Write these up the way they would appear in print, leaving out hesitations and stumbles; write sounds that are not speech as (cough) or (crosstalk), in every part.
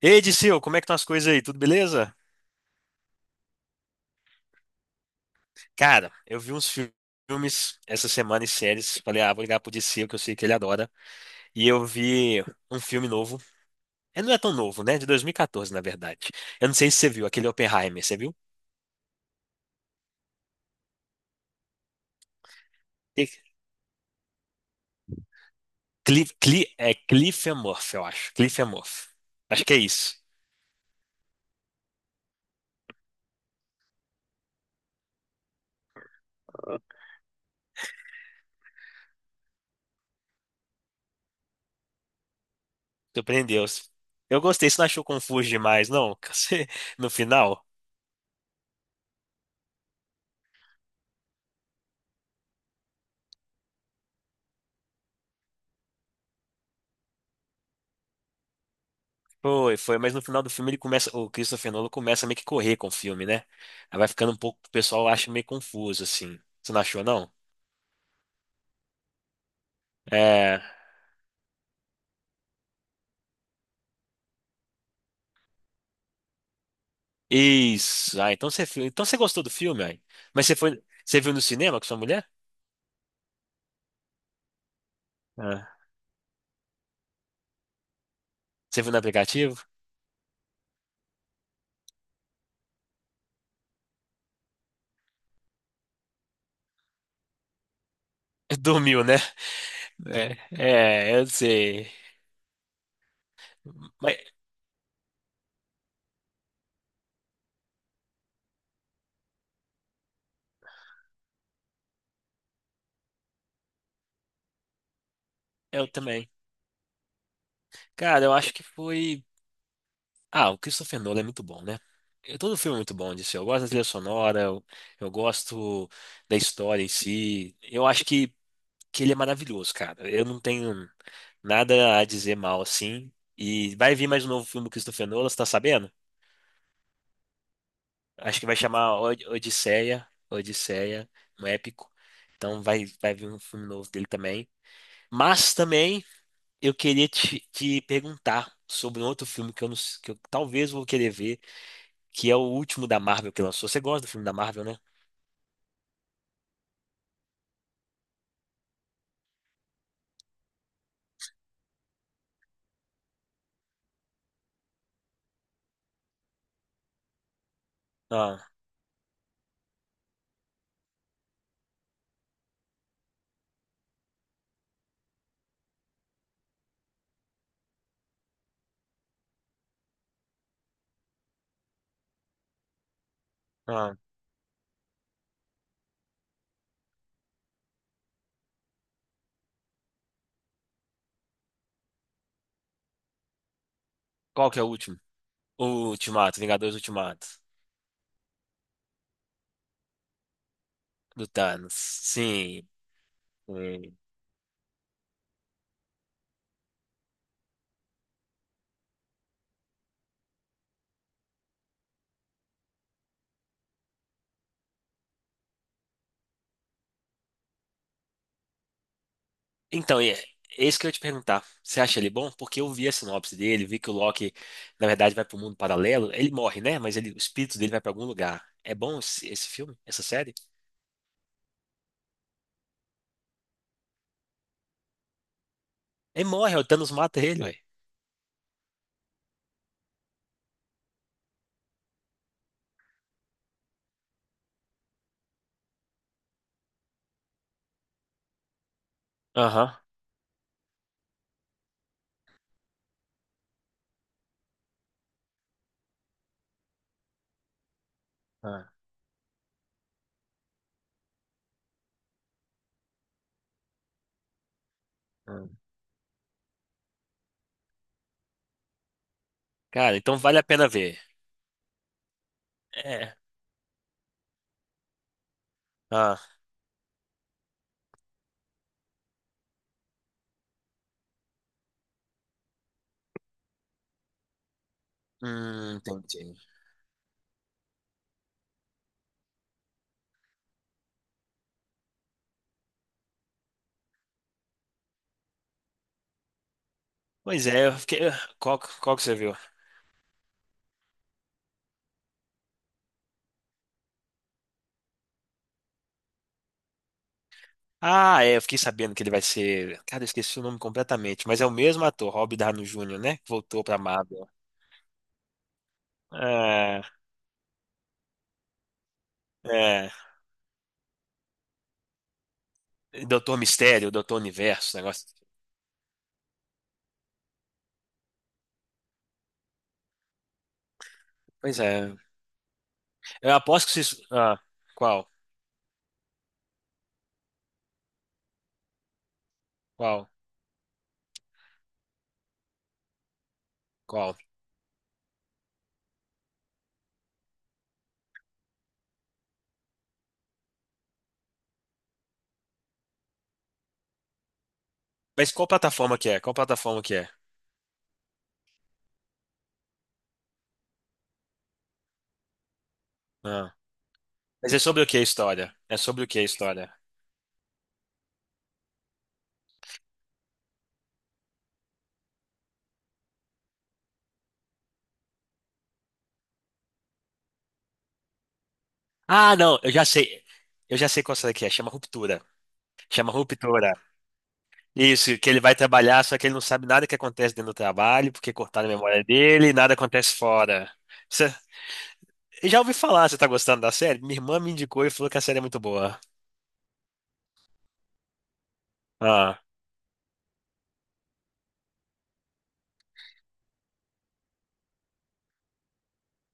Ei, Dicil, como é que estão as coisas aí? Tudo beleza? Cara, eu vi filmes essa semana e séries. Falei, vou ligar pro Dicil, que eu sei que ele adora. E eu vi um filme novo. É, não é tão novo, né? De 2014, na verdade. Eu não sei se você viu, aquele Oppenheimer, você viu? E- é Cliff and Murphy, eu acho. Cliff and Murphy. Acho que é isso. Surpreendeu. Eu gostei, você não achou confuso demais, não? (laughs) No final? Foi, foi, mas no final do filme ele começa, o Christopher Nolan começa a meio que correr com o filme, né? Aí vai ficando um pouco, o pessoal acha meio confuso, assim. Você não achou, não? É. Isso. Ah, então você, então você gostou do filme, aí. Mas você foi, você viu no cinema com sua mulher? Ah, você viu no aplicativo? (laughs) Dormiu, né? É, é, eu sei. Mas eu também. Cara, eu acho que foi. Ah, o Christopher Nolan é muito bom, né? Todo filme é muito bom disso. Eu gosto da trilha sonora, eu gosto da história em si. Eu acho que ele é maravilhoso, cara. Eu não tenho nada a dizer mal assim. E vai vir mais um novo filme do Christopher Nolan, você tá sabendo? Acho que vai chamar Odisseia, Odisseia, um épico. Então vai, vai vir um filme novo dele também. Mas também eu queria te perguntar sobre um outro filme que eu, não, que eu talvez vou querer ver. Que é o último da Marvel que lançou. Você gosta do filme da Marvel, né? Ah, ah. Qual que é o último? O Ultimato, Vingadores Ultimato, do Thanos. Sim. Hum. Então, é isso que eu ia te perguntar. Você acha ele bom? Porque eu vi a sinopse dele, vi que o Loki, na verdade, vai para o mundo paralelo. Ele morre, né? Mas ele, o espírito dele vai para algum lugar. É bom esse filme? Essa série? Ele morre, o Thanos mata ele, ué. Aham. Ah, ah. Cara, então vale a pena ver. É. Ah, entendi. Pois é, eu fiquei. Qual, qual que você viu? Ah, é, eu fiquei sabendo que ele vai ser. Cara, eu esqueci o nome completamente, mas é o mesmo ator, Robert Downey Jr., né? Que voltou pra Marvel. É, é. Doutor Mistério, Doutor Universo, negócio. Pois é. Eu aposto que vocês. Ah, qual? Qual? Qual? Mas qual plataforma que é? Qual plataforma que é? Ah. Mas é sobre o que a história? É sobre o que a história? Ah, não, eu já sei. Eu já sei qual será que é. Chama Ruptura. Chama Ruptura. Isso, que ele vai trabalhar, só que ele não sabe nada que acontece dentro do trabalho, porque cortaram a memória dele e nada acontece fora. Você, eu já ouvi falar, você tá gostando da série? Minha irmã me indicou e falou que a série é muito boa. Ah,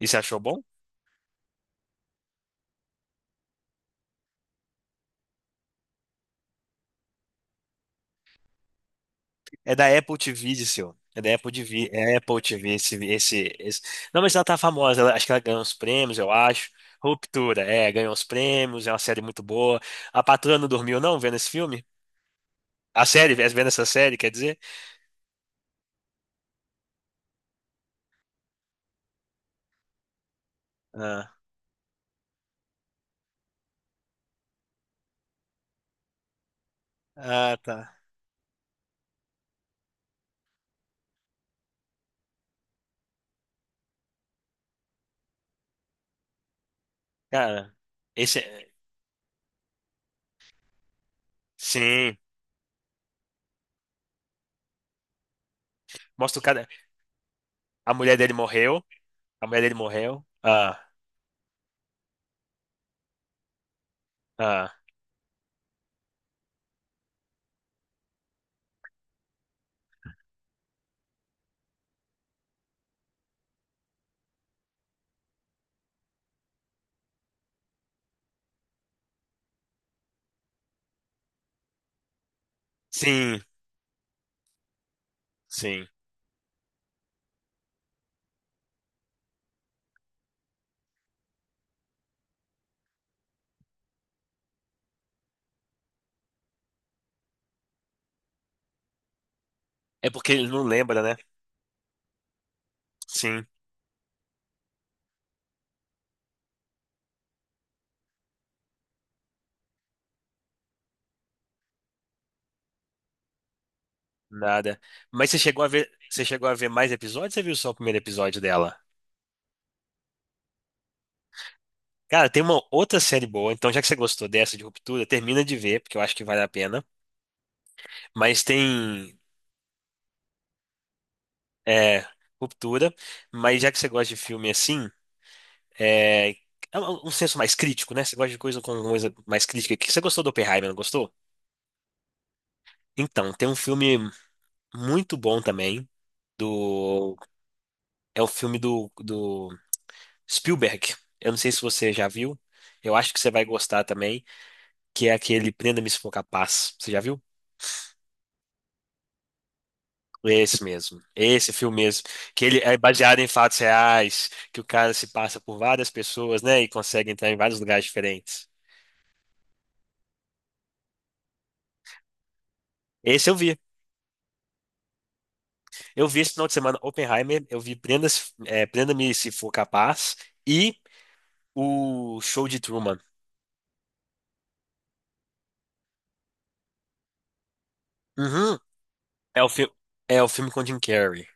e você achou bom? É da Apple TV, disse eu. É da Apple TV, é Apple TV, Não, mas ela tá famosa, acho que ela ganhou uns prêmios, eu acho. Ruptura, é, ganhou uns prêmios, é uma série muito boa. A patroa não dormiu, não, vendo esse filme? A série, vendo essa série, quer dizer? Ah, ah, tá. Cara, esse. Sim. Mostra o cara. A mulher dele morreu. A mulher dele morreu. Ah, ah. Sim, sim. É porque ele não lembra, né? Sim, nada. Mas você chegou a ver, você chegou a ver mais episódios, ou você viu só o primeiro episódio dela? Cara, tem uma outra série boa, então já que você gostou dessa de Ruptura, termina de ver, porque eu acho que vale a pena. Mas tem é, Ruptura, mas já que você gosta de filme assim, é, é um senso mais crítico, né? Você gosta de coisa com coisa mais crítica. Que você gostou do Oppenheimer, não gostou? Então, tem um filme muito bom também, do é o filme do, do Spielberg. Eu não sei se você já viu. Eu acho que você vai gostar também, que é aquele Prenda-me se for capaz. Você já viu? Esse mesmo. Esse filme mesmo, que ele é baseado em fatos reais, que o cara se passa por várias pessoas, né, e consegue entrar em vários lugares diferentes. Esse eu vi. Eu vi esse final de semana Oppenheimer, eu vi Prenda-me se for capaz e o Show de Truman. Uhum. É o filme é o filme com Jim Carrey.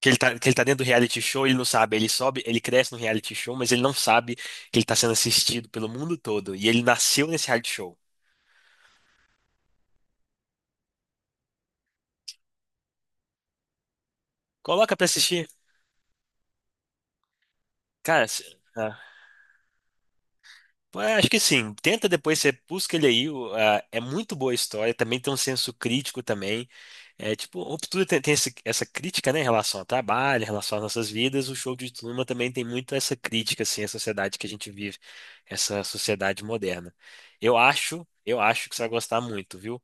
Que ele tá, que ele tá dentro do reality show, ele não sabe, ele sobe, ele cresce no reality show, mas ele não sabe que ele tá sendo assistido pelo mundo todo e ele nasceu nesse reality show. Coloca pra assistir. Cara, se- ah, Pô, é, acho que sim. Tenta depois, você busca ele aí. É muito boa a história, também tem um senso crítico também. É tipo, o tudo tem, tem essa crítica, né, em relação ao trabalho, em relação às nossas vidas. O show de Truman também tem muito essa crítica, assim, à sociedade que a gente vive, essa sociedade moderna. Eu acho que você vai gostar muito, viu?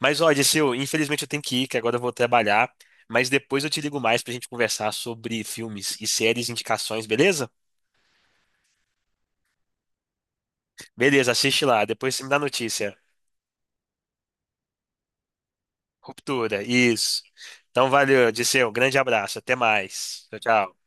Mas, ó, Odisseu, infelizmente eu tenho que ir, que agora eu vou trabalhar. Mas depois eu te ligo mais pra gente conversar sobre filmes e séries, indicações, beleza? Beleza, assiste lá. Depois você me dá notícia. Ruptura, isso. Então, valeu, Odisseu. Grande abraço. Até mais. Tchau, tchau.